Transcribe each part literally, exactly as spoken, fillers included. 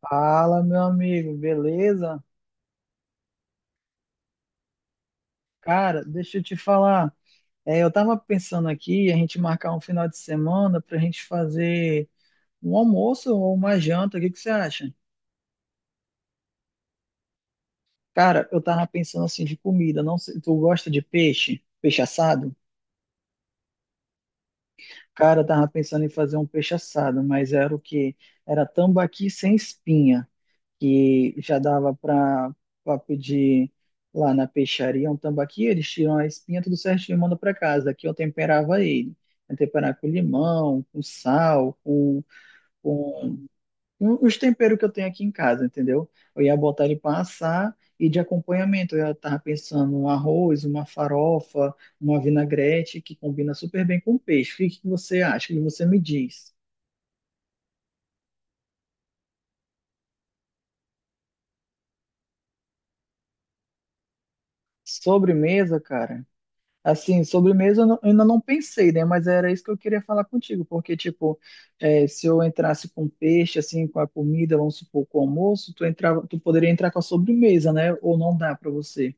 Fala, meu amigo, beleza? Cara, deixa eu te falar. É, eu tava pensando aqui a gente marcar um final de semana pra gente fazer um almoço ou uma janta. O que que você acha? Cara, eu tava pensando assim de comida. Não sei, tu gosta de peixe? Peixe assado? Cara, eu tava pensando em fazer um peixe assado, mas era o quê? Era tambaqui sem espinha, que já dava para pedir lá na peixaria um tambaqui, eles tiram a espinha tudo certinho e mandam para casa. Aqui eu temperava ele. Eu temperava com limão, com sal, com, com, com os temperos que eu tenho aqui em casa, entendeu? Eu ia botar ele para assar e de acompanhamento. Eu estava pensando um arroz, uma farofa, uma vinagrete que combina super bem com peixe. O que que você acha? O que você me diz? Sobremesa, cara. Assim, sobremesa eu não- eu ainda não pensei, né? Mas era isso que eu queria falar contigo, porque, tipo, é, se eu entrasse com peixe, assim, com a comida, vamos supor, com o almoço, tu entrava, tu poderia entrar com a sobremesa, né? Ou não dá pra você?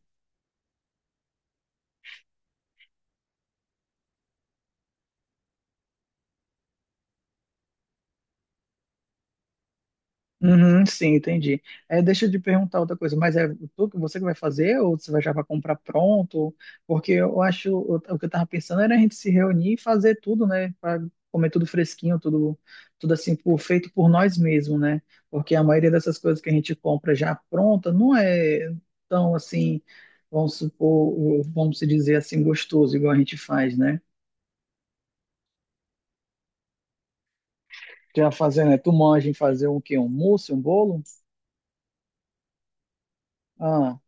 Uhum, sim, entendi. É, deixa eu te perguntar outra coisa, mas é tu, que- você que vai fazer ou você vai já vai comprar pronto? Porque eu acho, o o que eu tava pensando era a gente se reunir e fazer tudo, né? Pra comer tudo fresquinho, tudo, tudo assim, por, feito por nós mesmos, né? Porque a maioria dessas coisas que a gente compra já pronta não é tão assim, vamos supor, vamos se dizer assim, gostoso, igual a gente faz, né? Já fazendo, né? Tu manja em fazer um quê? Um mousse, um bolo? Ah.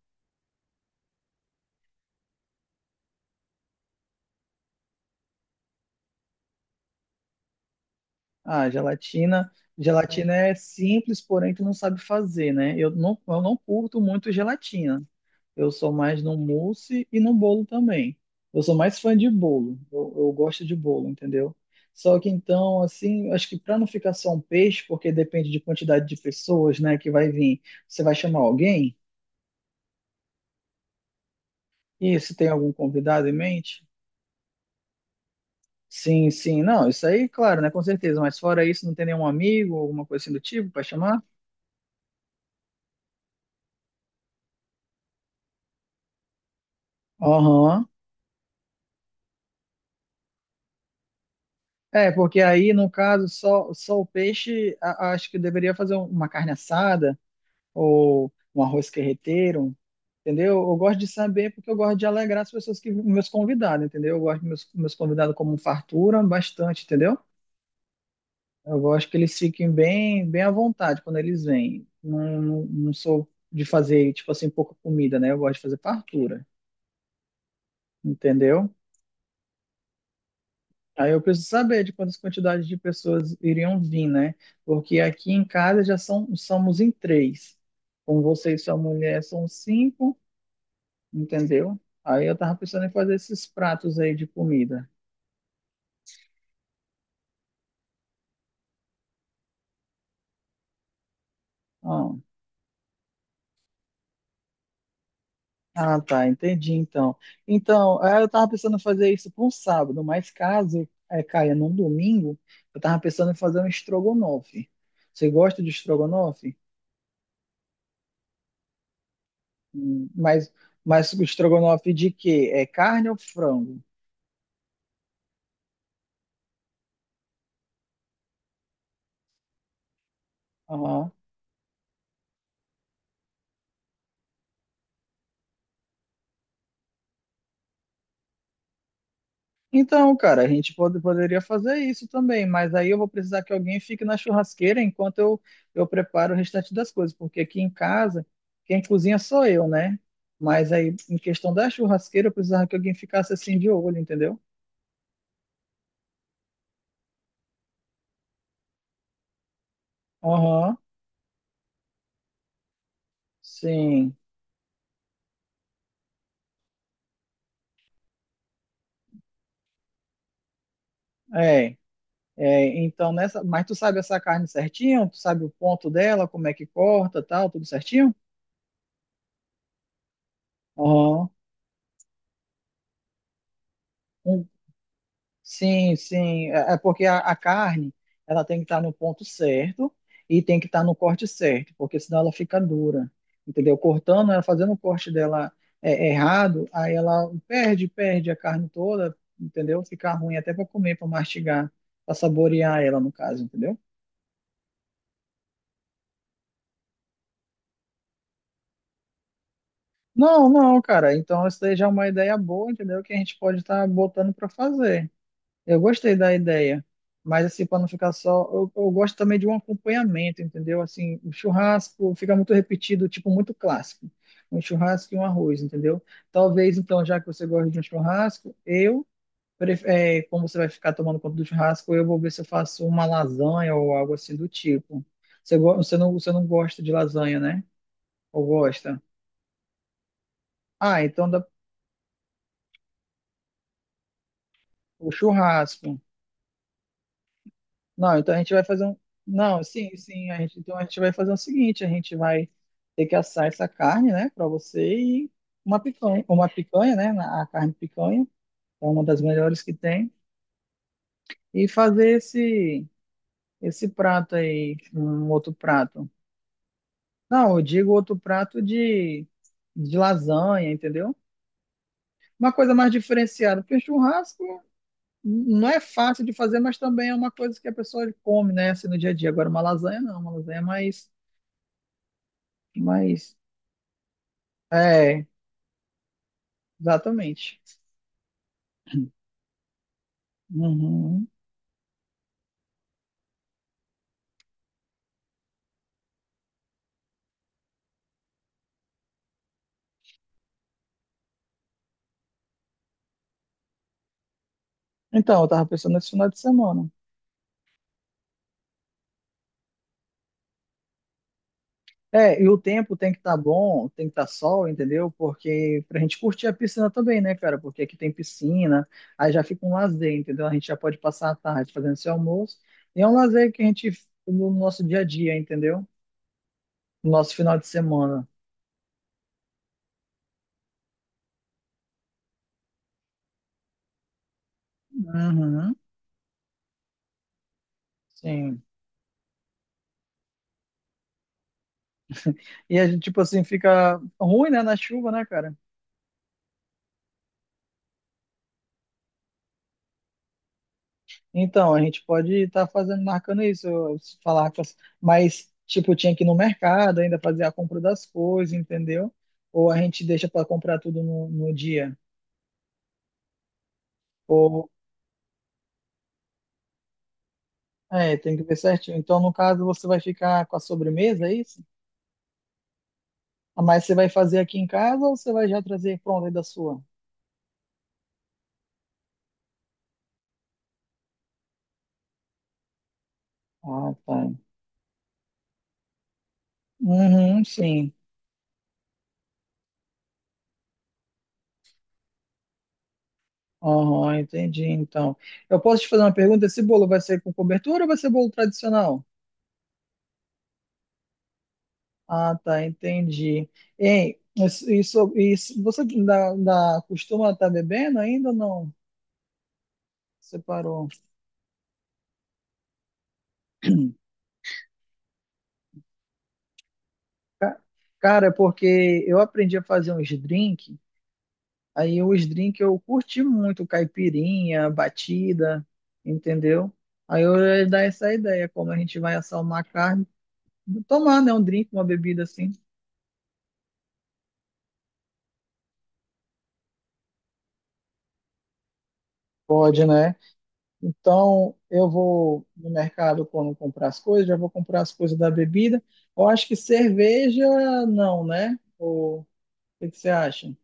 Ah, gelatina. Gelatina é simples, porém tu não sabe fazer, né? Eu não, eu não curto muito gelatina. Eu sou mais no mousse e no bolo também. Eu sou mais fã de bolo. Eu, eu gosto de bolo, entendeu? Só que então, assim, acho que para não ficar só um peixe, porque depende de quantidade de pessoas, né, que vai vir. Você vai chamar alguém? E se tem algum convidado em mente? Sim, sim. Não, isso aí, claro, né, com certeza. Mas fora isso, não tem nenhum amigo, alguma coisa assim do tipo para chamar? Aham. É, porque aí, no caso, só, só o peixe, a- acho que deveria fazer um- uma carne assada ou um arroz carreteiro, entendeu? Eu gosto de saber porque eu gosto de alegrar as pessoas que meus convidados, entendeu? Eu gosto de meus, meus convidados como um fartura bastante, entendeu? Eu gosto que eles fiquem bem, bem à vontade quando eles vêm. Não, não, não sou de fazer, tipo assim, pouca comida, né? Eu gosto de fazer fartura, entendeu? Aí eu preciso saber de quantas quantidades de pessoas iriam vir, né? Porque aqui em casa já são, somos em três. Com você e sua mulher são cinco, entendeu? Aí eu tava pensando em fazer esses pratos aí de comida. Ah, ah, tá, entendi então. Então, é, eu tava pensando em fazer isso para um sábado, mas caso é, caia num domingo, eu tava pensando em fazer um estrogonofe. Você gosta de estrogonofe? Hum, Mas, mas estrogonofe de quê? É carne ou frango? Aham. Então, cara, a gente pode- poderia fazer isso também, mas aí eu vou precisar que alguém fique na churrasqueira enquanto eu, eu preparo o restante das coisas, porque aqui em casa, quem cozinha sou eu, né? Mas aí, em questão da churrasqueira, eu precisava que alguém ficasse assim de olho, entendeu? Aham, sim. É, é, então nessa. Mas tu sabe essa carne certinho? Tu sabe o ponto dela, como é que corta, tal, tudo certinho? Aham. Um, sim, sim. É, é porque a, a carne, ela tem que estar no ponto certo e tem que estar no corte certo, porque senão ela fica dura, entendeu? Cortando, ela fazendo o corte dela é, errado, aí ela perde, perde a carne toda, entendeu? Fica ruim até para comer, para mastigar, para saborear ela, no caso, entendeu? Não, não, cara. Então, essa daí já é uma ideia boa, entendeu? Que a gente pode estar botando para fazer. Eu gostei da ideia, mas assim, para não ficar só, eu, eu gosto também de um acompanhamento, entendeu? Assim, o churrasco fica muito repetido, tipo, muito clássico. Um churrasco e um arroz, entendeu? Talvez, então, já que você gosta de um churrasco, eu, pref- eh, como você vai ficar tomando conta do churrasco, eu vou ver se eu faço uma lasanha ou algo assim do tipo. Você, go- você não, você não gosta de lasanha, né? Ou gosta? Ah, então dá, o churrasco. Não, então a gente vai fazer um. Não, sim, sim. A gente... Então a gente vai fazer o seguinte: a gente vai ter que assar essa carne, né, para você e uma picanha, uma picanha, né, na- a carne picanha, é uma das melhores que tem, e fazer esse esse prato aí, um outro prato. Não, eu digo outro prato de, de lasanha, entendeu? Uma coisa mais diferenciada, porque churrasco não é fácil de fazer, mas também é uma coisa que a pessoa come, né, assim, no dia a dia. Agora, uma lasanha não, uma lasanha é mais. Mais é, exatamente. Uhum. Então, eu tava pensando nesse final de semana. É, e o tempo tem que estar bom, tem que estar sol, entendeu? Porque pra gente curtir a piscina também, né, cara? Porque aqui tem piscina, aí já fica um lazer, entendeu? A gente já pode passar a tarde fazendo seu almoço. E é um lazer que a gente, no nosso dia a dia, entendeu? No nosso final de semana. Uhum, sim. E a gente, tipo assim, fica ruim, né, na chuva, né, cara? Então, a gente pode estar fazendo, marcando isso, eu- se falar com as- mas tipo, tinha que ir no mercado ainda fazer a compra das coisas, entendeu? Ou a gente deixa para comprar tudo no, no dia. Ou é, tem que ver certinho. Então, no caso, você vai ficar com a sobremesa, é isso? Ah, mas você vai fazer aqui em casa ou você vai já trazer pronto aí da sua? Ah, tá. Uhum, sim. Aham, entendi. Então, eu posso te fazer uma pergunta? Esse bolo vai ser com cobertura ou vai ser bolo tradicional? Ah, tá, entendi. Ei, isso, isso, isso- você da, da- costuma estar bebendo ainda ou não? Você parou? Ca- Cara, é porque eu aprendi a fazer uns drink, aí os drink eu curti muito, caipirinha, batida, entendeu? Aí eu ia dar essa ideia, como a gente vai assar uma carne, tomar, né, um drink, uma bebida assim. Pode, né? Então, eu vou no mercado quando comprar as coisas, já vou comprar as coisas da bebida. Eu acho que cerveja não, né? Ou, o que que você acha?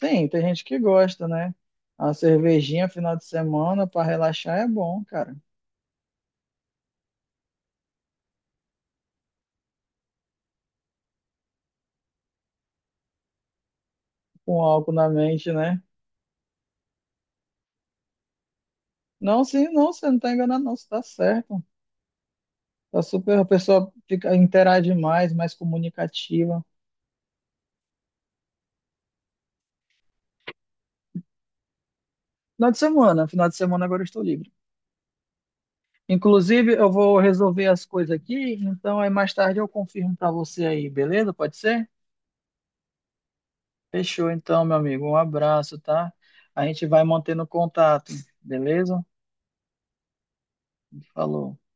Tem, tem gente que gosta, né? A cervejinha final de semana para relaxar é bom, cara. Com álcool na mente, né? Não, sim, não, você não tá enganado, não, você tá certo. Tá super, a pessoa fica, interage mais, mais comunicativa. Final de semana, final de semana agora eu estou livre. Inclusive, eu vou resolver as coisas aqui, então aí mais tarde eu confirmo para você aí, beleza? Pode ser? Fechou então, meu amigo. Um abraço, tá? A gente vai mantendo contato, beleza? Falou.